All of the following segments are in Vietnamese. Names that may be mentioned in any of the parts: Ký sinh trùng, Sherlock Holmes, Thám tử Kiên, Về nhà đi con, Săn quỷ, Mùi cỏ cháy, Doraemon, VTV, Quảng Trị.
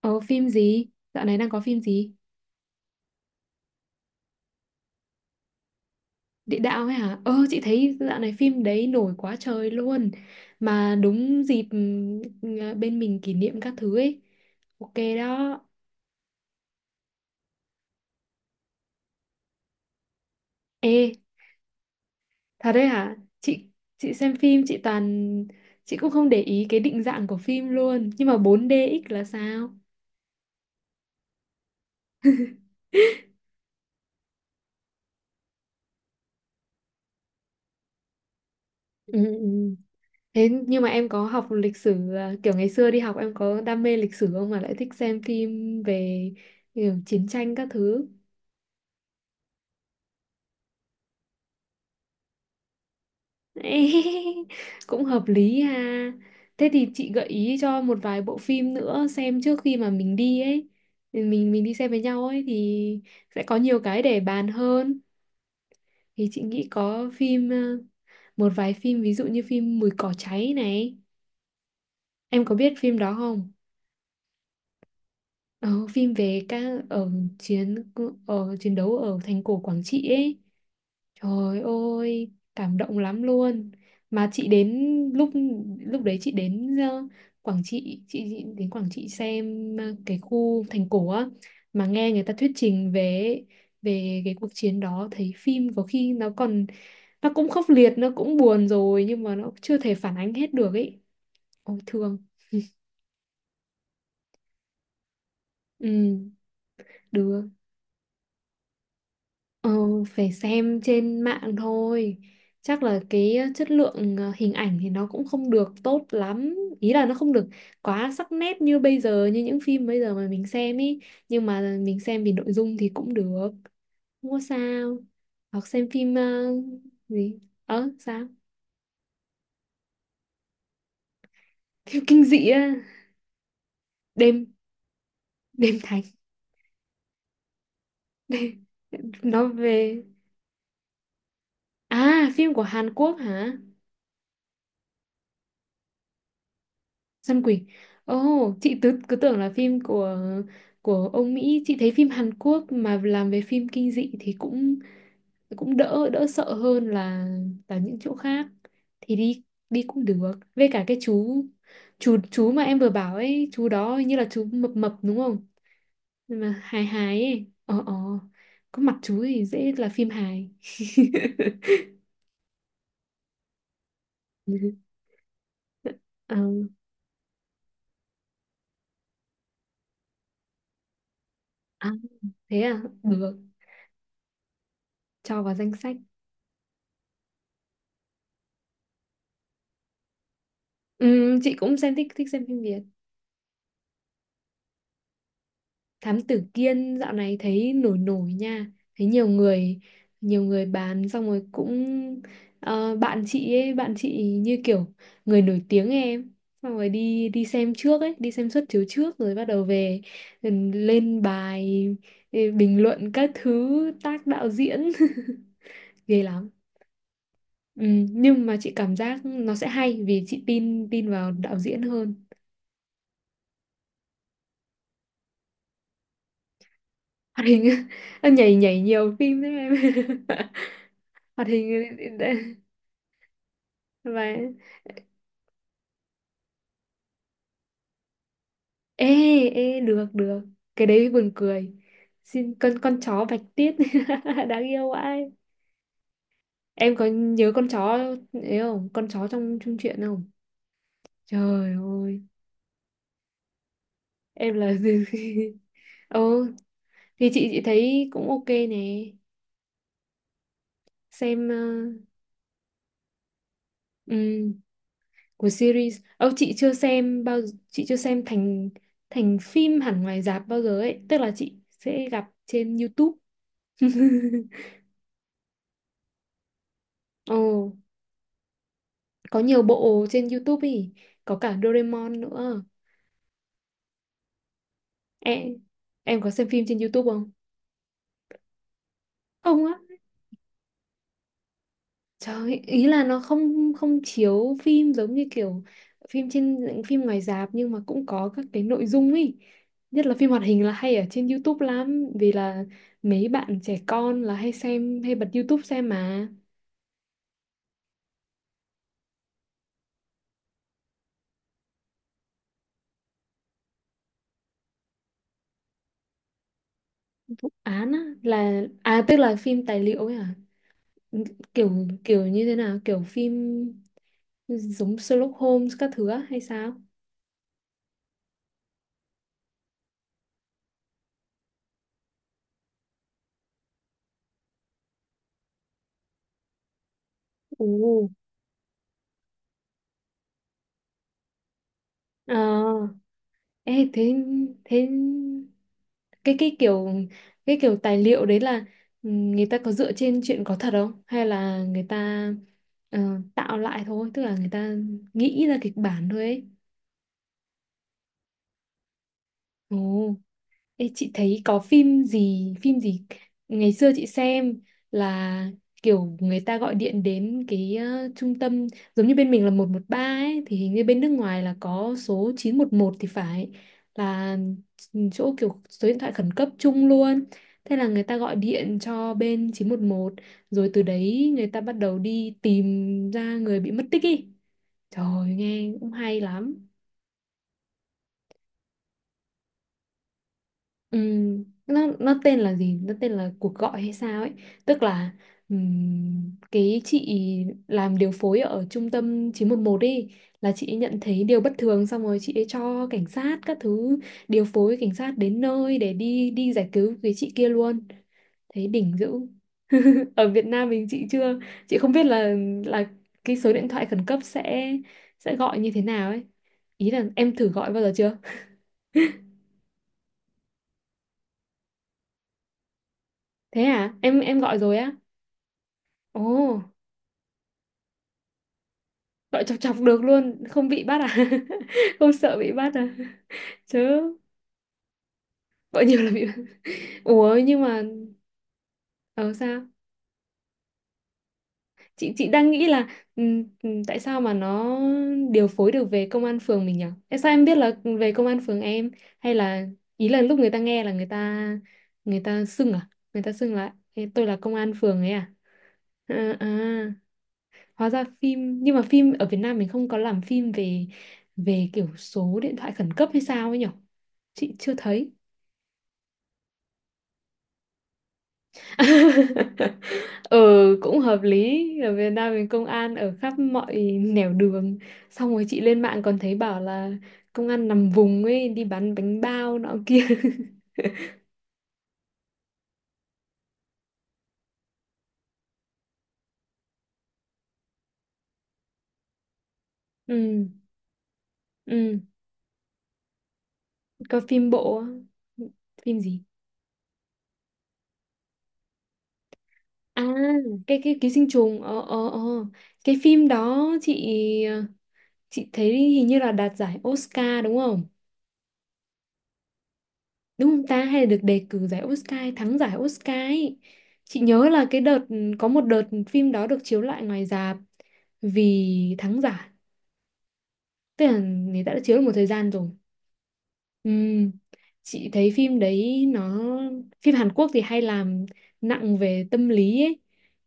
Ờ phim gì? Dạo này đang có phim gì? Địa đạo ấy hả? Ờ chị thấy dạo này phim đấy nổi quá trời luôn. Mà đúng dịp bên mình kỷ niệm các thứ ấy. Ok đó. Ê, thật đấy hả? Chị xem phim chị toàn cũng không để ý cái định dạng của phim luôn. Nhưng mà 4DX là sao? Ừ, ừ. Thế nhưng mà em có học lịch sử à, kiểu ngày xưa đi học em có đam mê lịch sử không mà lại thích xem phim về kiểu chiến tranh các thứ? Cũng hợp lý ha, thế thì chị gợi ý cho một vài bộ phim nữa xem trước khi mà mình đi ấy. Thì mình đi xem với nhau ấy thì sẽ có nhiều cái để bàn hơn. Thì chị nghĩ có phim một vài phim ví dụ như phim Mùi cỏ cháy này, em có biết phim đó không? Ờ, Phim về các chiến ở chiến đấu ở thành cổ Quảng Trị ấy. Trời ơi, cảm động lắm luôn. Mà chị đến lúc lúc đấy chị đến Quảng Trị, chị đến Quảng Trị xem cái khu thành cổ á, mà nghe người ta thuyết trình về về cái cuộc chiến đó, thấy phim có khi nó còn nó cũng khốc liệt, nó cũng buồn rồi nhưng mà nó chưa thể phản ánh hết được ấy. Ôi thương. Ừ, được. Ờ, phải xem trên mạng thôi. Chắc là cái chất lượng hình ảnh thì nó cũng không được tốt lắm. Ý là nó không được quá sắc nét như bây giờ, như những phim bây giờ mà mình xem ý. Nhưng mà mình xem vì nội dung thì cũng được. Không có sao. Hoặc xem phim gì? Ờ, sao? Phim kinh dị á. Đêm, đêm thánh. Nó về... À, phim của Hàn Quốc hả? Săn quỷ. Ồ, oh, chị cứ tưởng là phim của ông Mỹ. Chị thấy phim Hàn Quốc mà làm về phim kinh dị thì cũng cũng đỡ đỡ sợ hơn là những chỗ khác. Thì đi đi cũng được. Với cả cái chú mà em vừa bảo ấy, chú đó hình như là chú mập mập đúng không? Nhưng mà hài hài ấy. Ờ ờ. Có mặt chú thì dễ là phim hài. Ờ, à, thế à? Được, cho vào danh sách. Ừ, chị cũng xem thích thích xem phim Việt. Thám tử Kiên dạo này thấy nổi nổi nha, thấy nhiều người bán xong rồi cũng bạn chị như kiểu người nổi tiếng ấy em, xong rồi đi đi xem trước ấy, đi xem suất chiếu trước rồi bắt đầu về, ừ, lên bài, ừ, bình luận các thứ tác đạo diễn ghê lắm. Ừ, nhưng mà chị cảm giác nó sẽ hay vì chị tin tin vào đạo diễn hơn. Hoạt hình nhảy nhảy nhiều phim đấy em. Hoạt hình và ê ê được được, cái đấy buồn cười. Xin con chó bạch tuyết. Đáng yêu vãi, em có nhớ con chó ấy không, con chó trong chung truyện không? Trời ơi, em là ừ, thì chị thấy cũng ok nè. Xem ừm, của series. Ơ chị chưa xem bao, chị chưa xem thành thành phim hẳn ngoài rạp bao giờ ấy, tức là chị sẽ gặp trên YouTube. Ồ, có nhiều bộ trên YouTube ý, có cả Doraemon nữa em em có xem phim trên YouTube không? Không á, trời ơi, ý là nó không không chiếu phim giống như kiểu phim trên phim ngoài rạp, nhưng mà cũng có các cái nội dung ý, nhất là phim hoạt hình là hay ở trên YouTube lắm vì là mấy bạn trẻ con là hay xem hay bật YouTube xem mà. Án á là à, tức là phim tài liệu ấy à, kiểu kiểu như thế nào, kiểu phim giống Sherlock Holmes các thứ á hay sao? Ồ. Ờ, ê, thế thế cái cái kiểu cái kiểu tài liệu đấy là, ừ, người ta có dựa trên chuyện có thật không hay là người ta ờ, tạo lại thôi, tức là người ta nghĩ ra kịch bản thôi ấy. Ồ. Ê, chị thấy có phim gì ngày xưa chị xem là kiểu người ta gọi điện đến cái trung tâm giống như bên mình là 113 ấy, thì hình như bên nước ngoài là có số 911 thì phải, là chỗ kiểu số điện thoại khẩn cấp chung luôn. Thế là người ta gọi điện cho bên 911, rồi từ đấy người ta bắt đầu đi tìm ra người bị mất tích ý. Trời ơi, nghe cũng hay lắm. Nó tên là gì? Nó tên là cuộc gọi hay sao ấy? Tức là cái chị làm điều phối ở trung tâm 911 ấy, là chị ấy nhận thấy điều bất thường xong rồi chị ấy cho cảnh sát các thứ, điều phối cảnh sát đến nơi để đi đi giải cứu cái chị kia luôn. Thấy đỉnh dữ. Ở Việt Nam mình chị chưa, chị không biết là cái số điện thoại khẩn cấp sẽ gọi như thế nào ấy. Ý là em thử gọi bao giờ chưa? Thế à? Em gọi rồi á? Ồ. Gọi chọc chọc được luôn không bị bắt à? Không sợ bị bắt à? Chứ gọi nhiều là bị bắt. Ủa nhưng mà ờ sao, chị đang nghĩ là tại sao mà nó điều phối được về công an phường mình nhỉ? Tại sao em biết là về công an phường em, hay là ý là lúc người ta nghe là người ta xưng à, người ta xưng là "Ê, tôi là công an phường" ấy à? À, à, hóa ra phim, nhưng mà phim ở Việt Nam mình không có làm phim về về kiểu số điện thoại khẩn cấp hay sao ấy nhỉ, chị chưa thấy. Ừ, cũng hợp lý, ở Việt Nam mình công an ở khắp mọi nẻo đường, xong rồi chị lên mạng còn thấy bảo là công an nằm vùng ấy đi bán bánh bao nọ kia. Ừ, ừ, có phim bộ á. Phim gì? À cái ký sinh trùng ờ ờ ờ cái phim đó chị thấy hình như là đạt giải Oscar đúng không? Đúng không ta? Hay là được đề cử giải Oscar, hay thắng giải Oscar ấy. Chị nhớ là cái đợt, có một đợt phim đó được chiếu lại ngoài rạp vì thắng giải. Tức là người ta đã chiếu được một thời gian rồi. Ừm, Chị thấy phim đấy nó phim Hàn Quốc thì hay làm nặng về tâm lý ấy,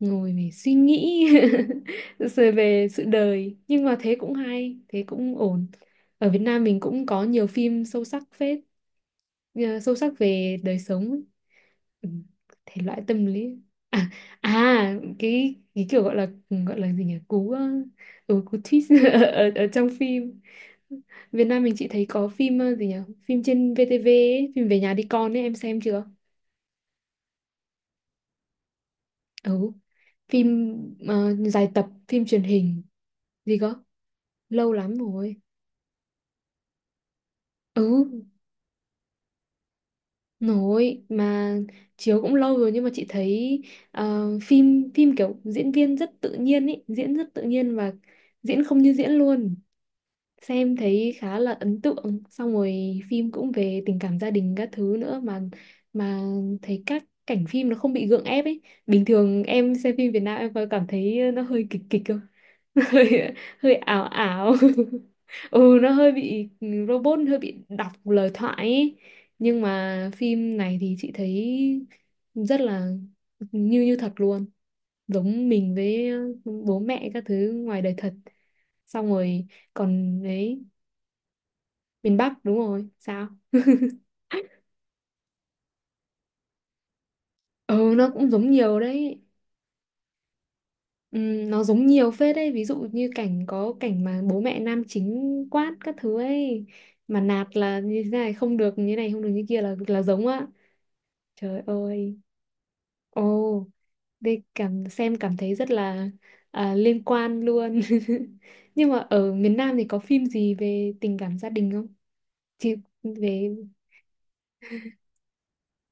ngồi để suy nghĩ rồi về sự đời, nhưng mà thế cũng hay, thế cũng ổn. Ở Việt Nam mình cũng có nhiều phim sâu sắc phết. Ờ, sâu sắc về đời sống ấy. Ừ, thể loại tâm lý. À, à cái kiểu gọi là gì nhỉ cú ừ, cú twist ở trong phim Việt Nam mình chị thấy có phim gì nhỉ, phim trên VTV ấy, phim Về nhà đi con ấy em xem chưa? Ừ, phim dài tập phim truyền hình gì cơ, lâu lắm rồi. Ừ, nổi mà, chiếu cũng lâu rồi, nhưng mà chị thấy phim phim kiểu diễn viên rất tự nhiên ý, diễn rất tự nhiên và diễn không như diễn luôn. Xem thấy khá là ấn tượng. Xong rồi phim cũng về tình cảm gia đình các thứ nữa mà thấy các cảnh phim nó không bị gượng ép ấy. Bình thường em xem phim Việt Nam em có cảm thấy nó hơi kịch kịch không? Hơi hơi ảo ảo ừ, nó hơi bị robot, hơi bị đọc lời thoại ấy. Nhưng mà phim này thì chị thấy rất là như như thật luôn, giống mình với bố mẹ các thứ ngoài đời thật, xong rồi còn đấy miền Bắc đúng rồi sao. Ừ nó cũng giống nhiều đấy. Nó giống nhiều phết đấy, ví dụ như cảnh có cảnh mà bố mẹ nam chính quát các thứ ấy, mà nạt là như thế này không được, như này không được, như kia là giống á, trời ơi, ồ, đây cảm xem cảm thấy rất là à, liên quan luôn. Nhưng mà ở miền Nam thì có phim gì về tình cảm gia đình không? Chị về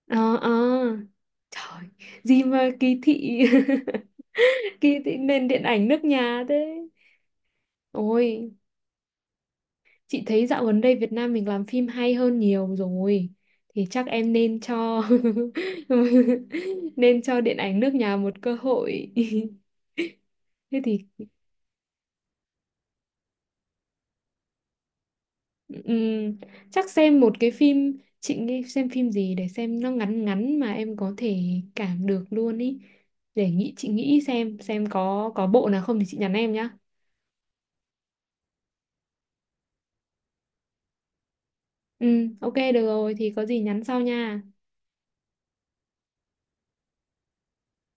ờ ờ trời, gì mà kỳ thị, kỳ thị nền điện ảnh nước nhà thế. Ôi, chị thấy dạo gần đây Việt Nam mình làm phim hay hơn nhiều rồi. Thì chắc em nên cho nên cho điện ảnh nước nhà một cơ hội. Thế thì ừm, chắc xem một cái phim, chị nghĩ xem phim gì để xem nó ngắn ngắn mà em có thể cảm được luôn ý. Để nghĩ, chị nghĩ xem có bộ nào không thì chị nhắn em nhá. Ừ ok được rồi, thì có gì nhắn sau nha.